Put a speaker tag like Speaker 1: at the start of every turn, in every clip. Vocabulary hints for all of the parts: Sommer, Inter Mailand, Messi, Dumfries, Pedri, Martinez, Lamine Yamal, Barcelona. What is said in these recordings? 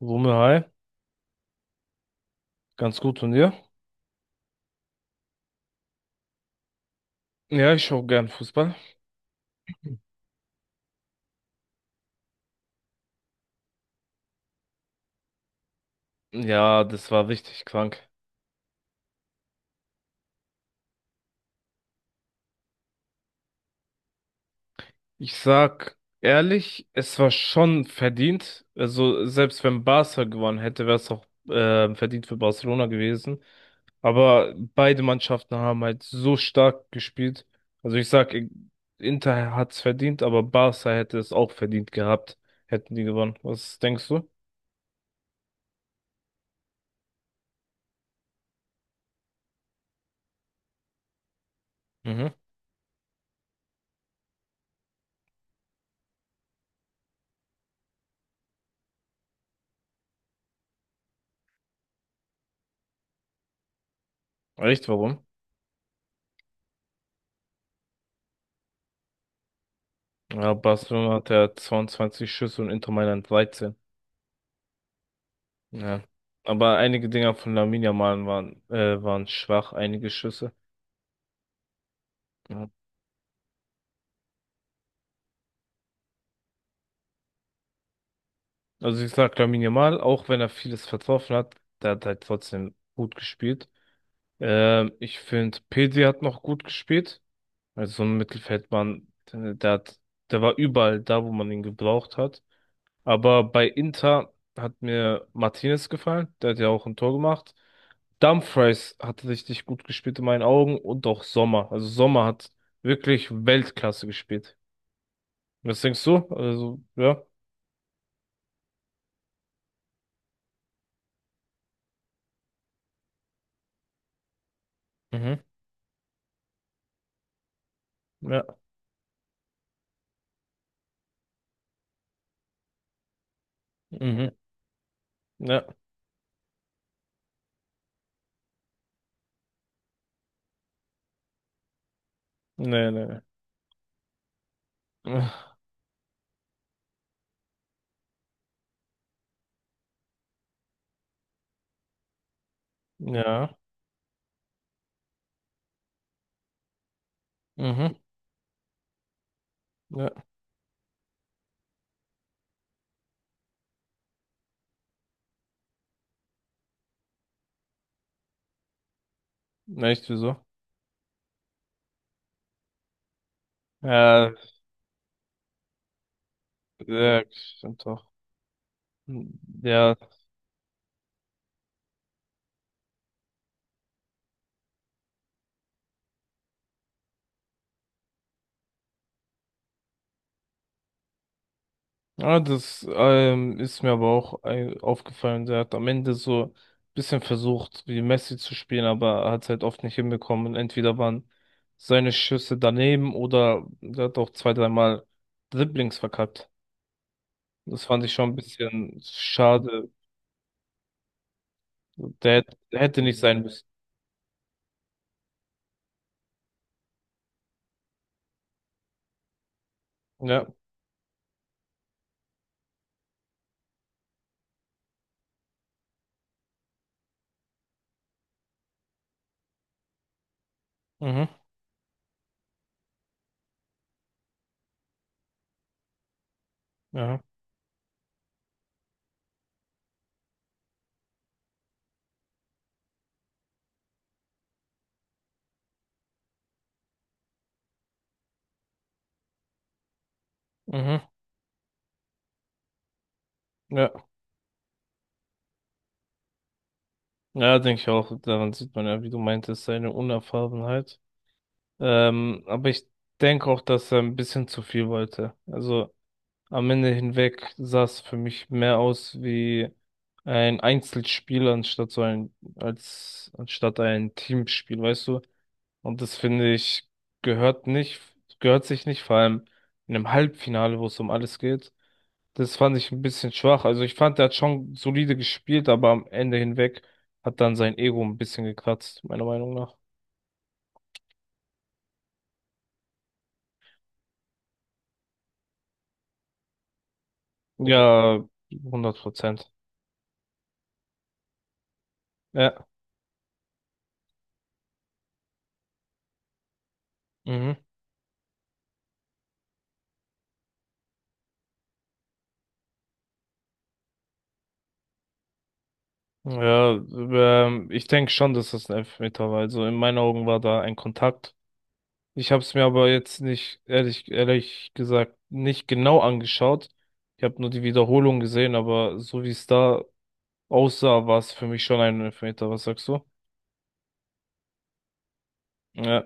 Speaker 1: Rumme, hi. Ganz gut und dir? Ja, ich schaue gern Fußball. Ja, das war richtig krank. Ich sag ehrlich, es war schon verdient. Also, selbst wenn Barca gewonnen hätte, wäre es auch verdient für Barcelona gewesen. Aber beide Mannschaften haben halt so stark gespielt. Also, ich sag, Inter hat's verdient, aber Barca hätte es auch verdient gehabt, hätten die gewonnen. Was denkst du? Mhm. Echt, warum? Ja, Barcelona hat ja 22 Schüsse und Inter Mailand 13. Ja. Aber einige Dinger von Lamine Yamal waren schwach, einige Schüsse. Ja. Also ich sag Lamine Yamal, auch wenn er vieles vertroffen hat, der hat halt trotzdem gut gespielt. Ich finde, Pedri hat noch gut gespielt. Also so ein Mittelfeldmann, der war überall da, wo man ihn gebraucht hat. Aber bei Inter hat mir Martinez gefallen, der hat ja auch ein Tor gemacht. Dumfries hat richtig gut gespielt in meinen Augen und auch Sommer. Also Sommer hat wirklich Weltklasse gespielt. Was denkst du? Also, ja. Mhm. Ja. Mhm. Ja. Nee, nee. Nee. Ja. Mhm. Ja. Nee, echt, wieso? Ja, ja, stimmt doch. Ja, ah, das ist mir aber auch aufgefallen. Der hat am Ende so ein bisschen versucht, wie Messi zu spielen, aber er hat es halt oft nicht hinbekommen. Und entweder waren seine Schüsse daneben oder er hat auch zwei, dreimal Dribblings verkackt. Das fand ich schon ein bisschen schade. Der hätte nicht sein müssen. Ja. Mhm. Ja. Mhm. Ja. Ja, denke ich auch. Daran sieht man ja, wie du meintest, seine Unerfahrenheit. Aber ich denke auch, dass er ein bisschen zu viel wollte. Also am Ende hinweg sah es für mich mehr aus wie ein Einzelspiel anstatt so ein, als anstatt ein Teamspiel, weißt du? Und das finde ich gehört nicht, gehört sich nicht, vor allem in einem Halbfinale, wo es um alles geht. Das fand ich ein bisschen schwach. Also ich fand, er hat schon solide gespielt, aber am Ende hinweg hat dann sein Ego ein bisschen gekratzt, meiner Meinung nach. Ja, 100%. Ja, mhm. Ja, ich denke schon, dass das ein Elfmeter war. Also in meinen Augen war da ein Kontakt. Ich habe es mir aber jetzt nicht, ehrlich gesagt, nicht genau angeschaut. Ich habe nur die Wiederholung gesehen, aber so wie es da aussah, war es für mich schon ein Elfmeter. Was sagst du? Ja,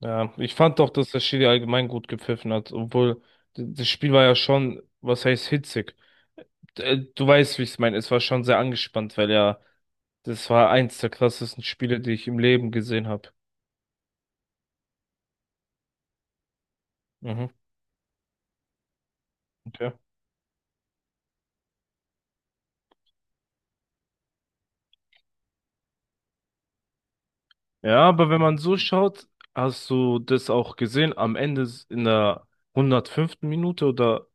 Speaker 1: ja. Ich fand doch, dass der Schiri allgemein gut gepfiffen hat, obwohl das Spiel war ja schon, was heißt hitzig. Du weißt, wie ich es meine. Es war schon sehr angespannt, weil ja, das war eins der krassesten Spiele, die ich im Leben gesehen habe. Mhm. Okay. Ja, aber wenn man so schaut, hast du das auch gesehen, am Ende in der 105. Minute oder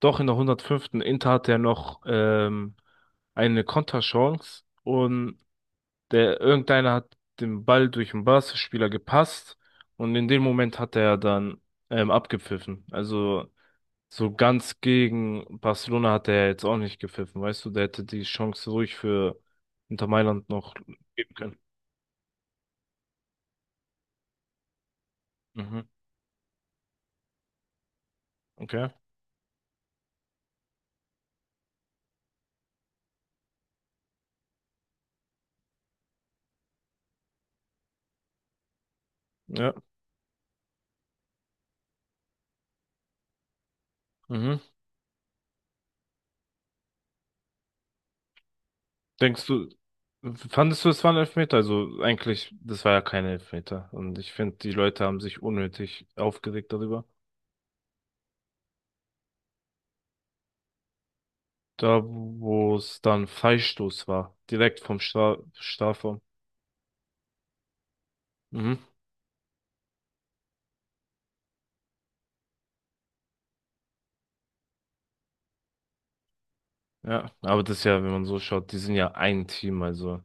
Speaker 1: doch in der 105. Inter hatte ja noch eine Konterchance und der irgendeiner hat den Ball durch den Barca-Spieler gepasst und in dem Moment hat er dann abgepfiffen. Also so ganz gegen Barcelona hat er jetzt auch nicht gepfiffen, weißt du, der hätte die Chance ruhig für Inter Mailand noch geben können. Mhm. Okay. Ja. Mhm. Denkst du, fandest du, es war ein Elfmeter? Also eigentlich, das war ja kein Elfmeter. Und ich finde, die Leute haben sich unnötig aufgeregt darüber. Da, wo es dann Freistoß war, direkt vom Strafraum. Mhm. Ja, aber das ist ja, wenn man so schaut, die sind ja ein Team, also.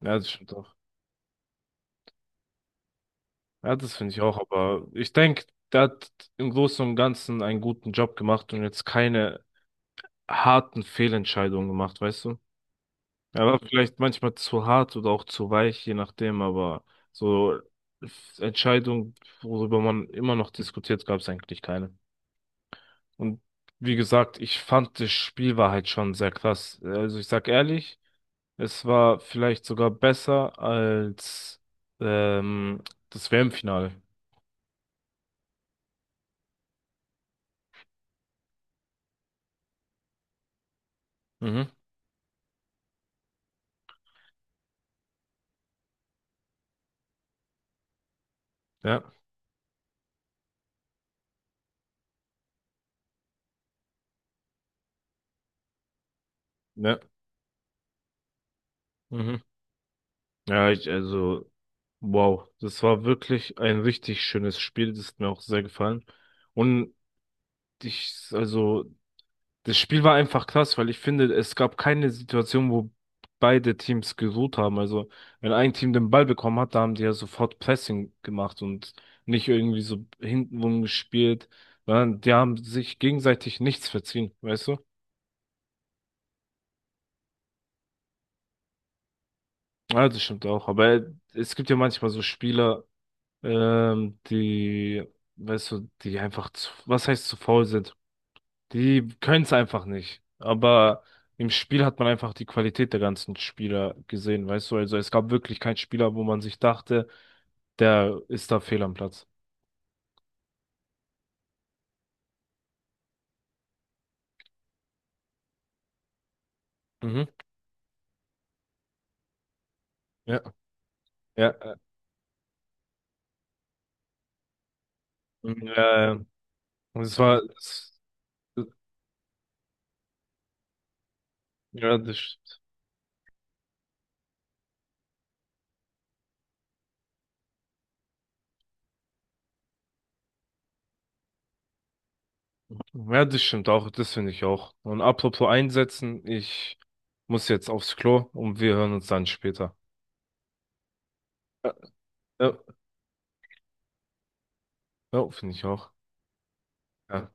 Speaker 1: Ja, das stimmt auch. Ja, das finde ich auch, aber ich denke, der hat im Großen und Ganzen einen guten Job gemacht und jetzt keine harten Fehlentscheidungen gemacht, weißt du? Er war vielleicht manchmal zu hart oder auch zu weich, je nachdem, aber so Entscheidungen, worüber man immer noch diskutiert, gab es eigentlich keine. Und wie gesagt, ich fand, das Spiel war halt schon sehr krass. Also ich sag ehrlich, es war vielleicht sogar besser als ähm, das WM-Finale. Mhm. Ja, ja, mhm. Ja, wow, das war wirklich ein richtig schönes Spiel, das hat mir auch sehr gefallen. Und ich, also, Das Spiel war einfach krass, weil ich finde, es gab keine Situation, wo beide Teams geruht haben. Also, wenn ein Team den Ball bekommen hat, da haben die ja sofort Pressing gemacht und nicht irgendwie so hintenrum gespielt, sondern die haben sich gegenseitig nichts verziehen, weißt du? Ja, das stimmt auch. Aber es gibt ja manchmal so Spieler, die, weißt du, die einfach zu, was heißt zu faul sind? Die können es einfach nicht. Aber im Spiel hat man einfach die Qualität der ganzen Spieler gesehen, weißt du? Also es gab wirklich keinen Spieler, wo man sich dachte, der ist da fehl am Platz. Mhm. Ja. Ja. Mhm. Und es war, es, ja, das, st- ja, das stimmt auch, das finde ich auch. Und apropos einsetzen, ich muss jetzt aufs Klo und wir hören uns dann später. Ja, ja, ja, finde ich auch. Ja,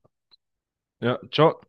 Speaker 1: ja, ciao.